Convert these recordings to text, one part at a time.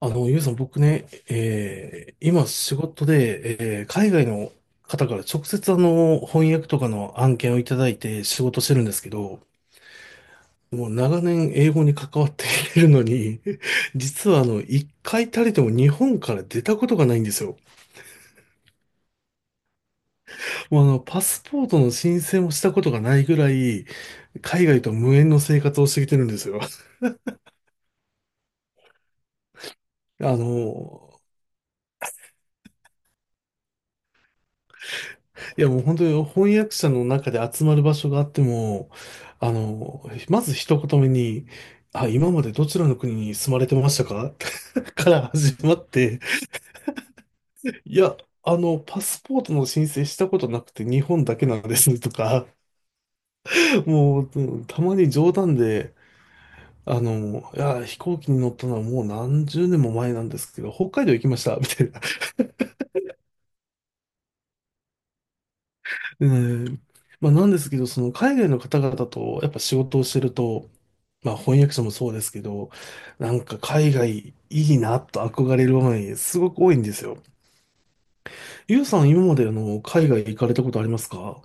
ゆうさん、僕ね、今仕事で、海外の方から直接翻訳とかの案件をいただいて仕事してるんですけど、もう長年英語に関わっているのに、実は一回たりとも日本から出たことがないんですよ。もうパスポートの申請もしたことがないぐらい、海外と無縁の生活をしてきてるんですよ。あの、いやもう本当に翻訳者の中で集まる場所があっても、あの、まず一言目に、あ、今までどちらの国に住まれてましたか？ から始まって、いや、パスポートの申請したことなくて日本だけなんですとか、もう、うんたまに冗談で、いや、飛行機に乗ったのはもう何十年も前なんですけど、北海道行きました、みたいな。でね、まあなんですけど、その海外の方々とやっぱ仕事をしてると、まあ翻訳者もそうですけど、なんか海外いいなと憧れる場面すごく多いんですよ。ゆうさん今まであの海外行かれたことありますか？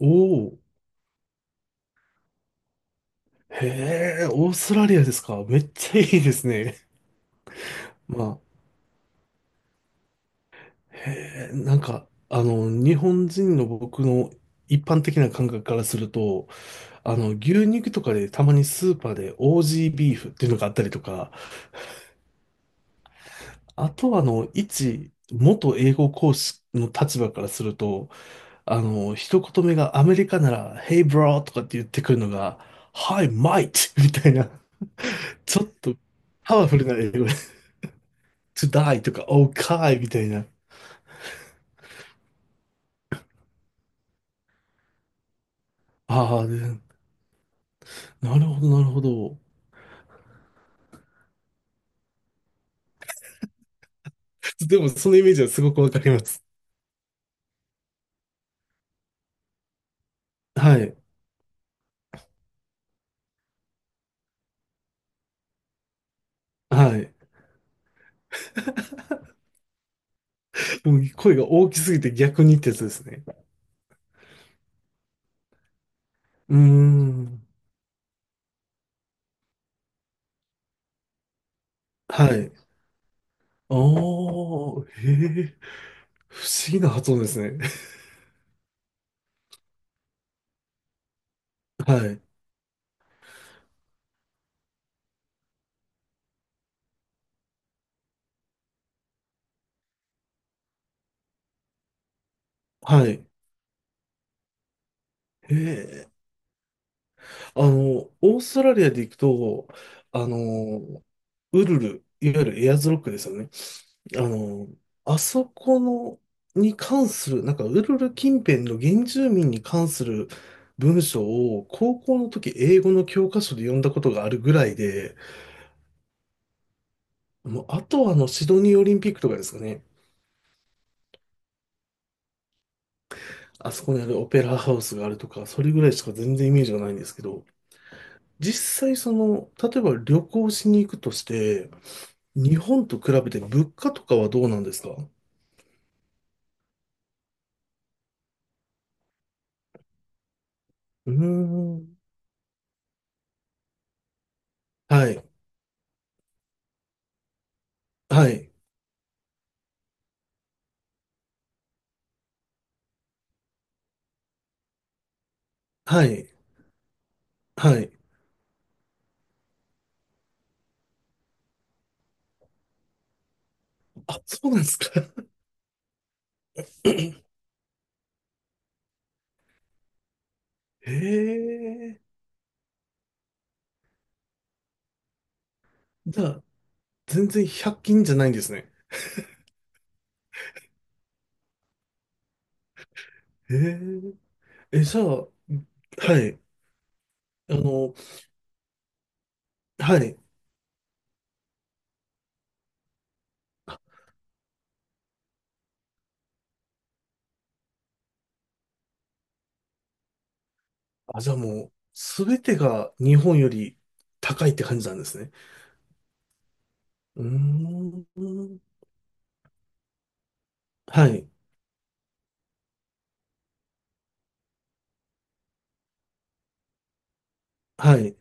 お、おー、へえ、オーストラリアですか。めっちゃいいですね。まあ、へえ、なんかあの日本人の僕の一般的な感覚からすると、あの牛肉とかでたまにスーパーでオージービーフっていうのがあったりとか、あとは、あの、一、元英語講師の立場からすると、あの、一言目がアメリカなら、Hey bro! とかって言ってくるのが、Hi mate! みたいな、ちょっとパワフルな英語で、To die! とか、Okay! みたいな。ああ、で、なるほど、なるほど。でも、そのイメージはすごくわかります。はい、はい。もう声が大きすぎて逆にってやつですね。うーん、はい。おー、へえ、不思議な発音ですね。はい。はい。へえ。あの、オーストラリアで行くと、あの、ウルル、いわゆるエアーズロックですよね。あの、あそこの、に関する、なんか、ウルル近辺の原住民に関する文章を、高校の時、英語の教科書で読んだことがあるぐらいで、もう、あとはあの、シドニーオリンピックとかですかね。あそこにあるオペラハウスがあるとか、それぐらいしか全然イメージがないんですけど、実際その、例えば旅行しに行くとして、日本と比べて物価とかはどうなんですか？うーん。はい。はい。はい。はい。あ、そうなんですか。へえ。じゃあ、全然100均じゃないんですね。へえ。え、じゃあ、はい。あの、はい。あ、じゃあもう、すべてが日本より高いって感じなんですね。うーん。はい。はい。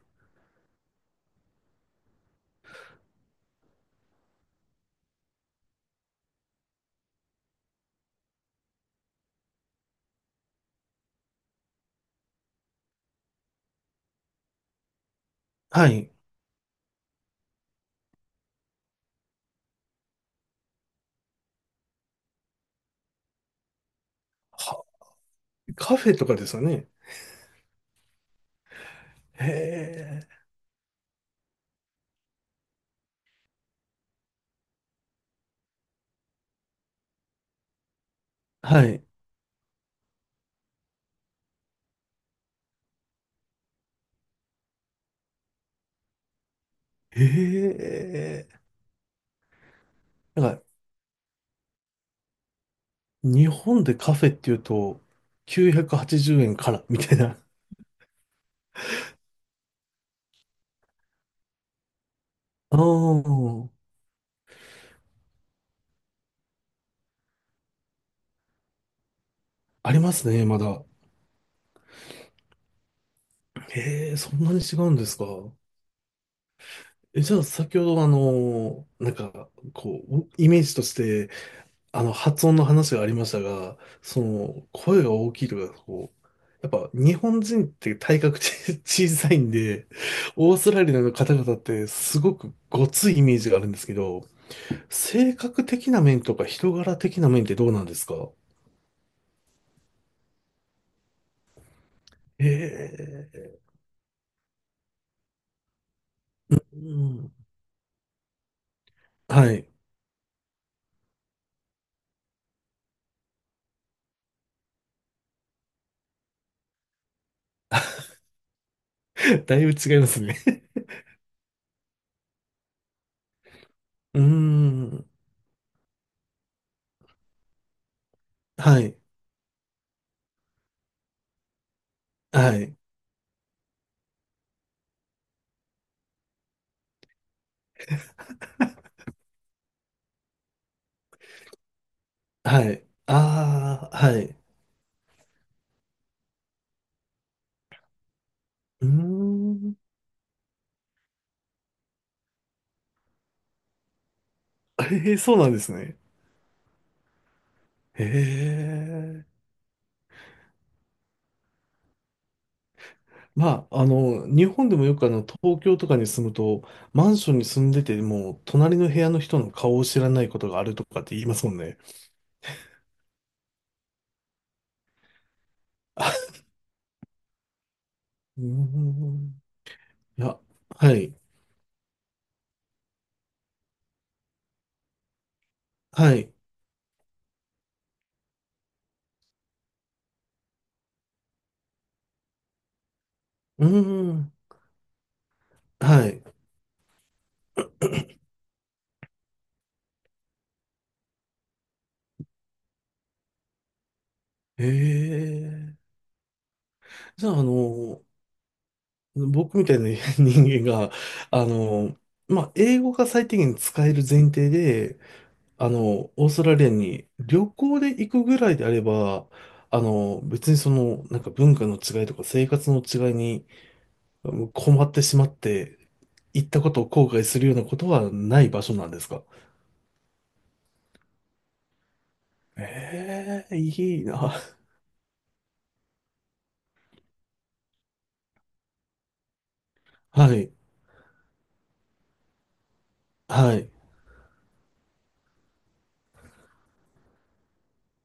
はい。は、カフェとかですよね。へえ。はい。へえ。なんか、日本でカフェっていうと、980円からみたいな。ああ、ありますね、まだ。へえ、そんなに違うんですか。え、じゃあ、先ほど、あの、なんか、こう、イメージとして、あの、発音の話がありましたが、その、声が大きいとか、こう、やっぱ、日本人って体格ち、 小さいんで、オーストラリアの方々って、すごくごついイメージがあるんですけど、性格的な面とか人柄的な面ってどうなんですか？ええ、うん。はい。だいぶ違いますね。 うーん。はい。はい。はい。ああ、はい。うーん。ええ、そうなんですね。へえ。まあ、あの、日本でもよくあの、東京とかに住むと、マンションに住んでても、隣の部屋の人の顔を知らないことがあるとかって言いますもんね。うーん。いや、はい。はい。うーん。はい。ええ。じゃあ、あの、僕みたいな 人間が、あの、まあ、英語が最低限使える前提で、あの、オーストラリアに旅行で行くぐらいであれば、あの、別にその、なんか文化の違いとか生活の違いにうん困ってしまって、行ったことを後悔するようなことはない場所なんですか？ええ、いいな。はい。はい。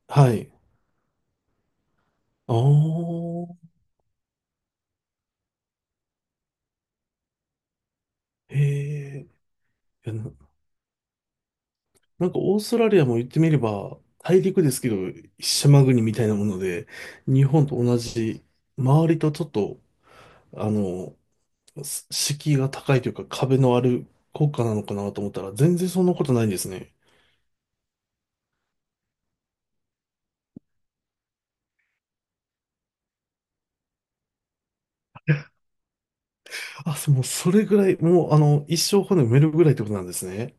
はい。ああ、へえ。いや、な、なんかオーストラリアも言ってみれば、大陸ですけど、島国みたいなもので、日本と同じ、周りとちょっと、あの、す、敷居が高いというか壁のある国家なのかなと思ったら、全然そんなことないんですね。あ、そ、もうそれぐらい、もうあの、一生骨埋めるぐらいってことなんですね。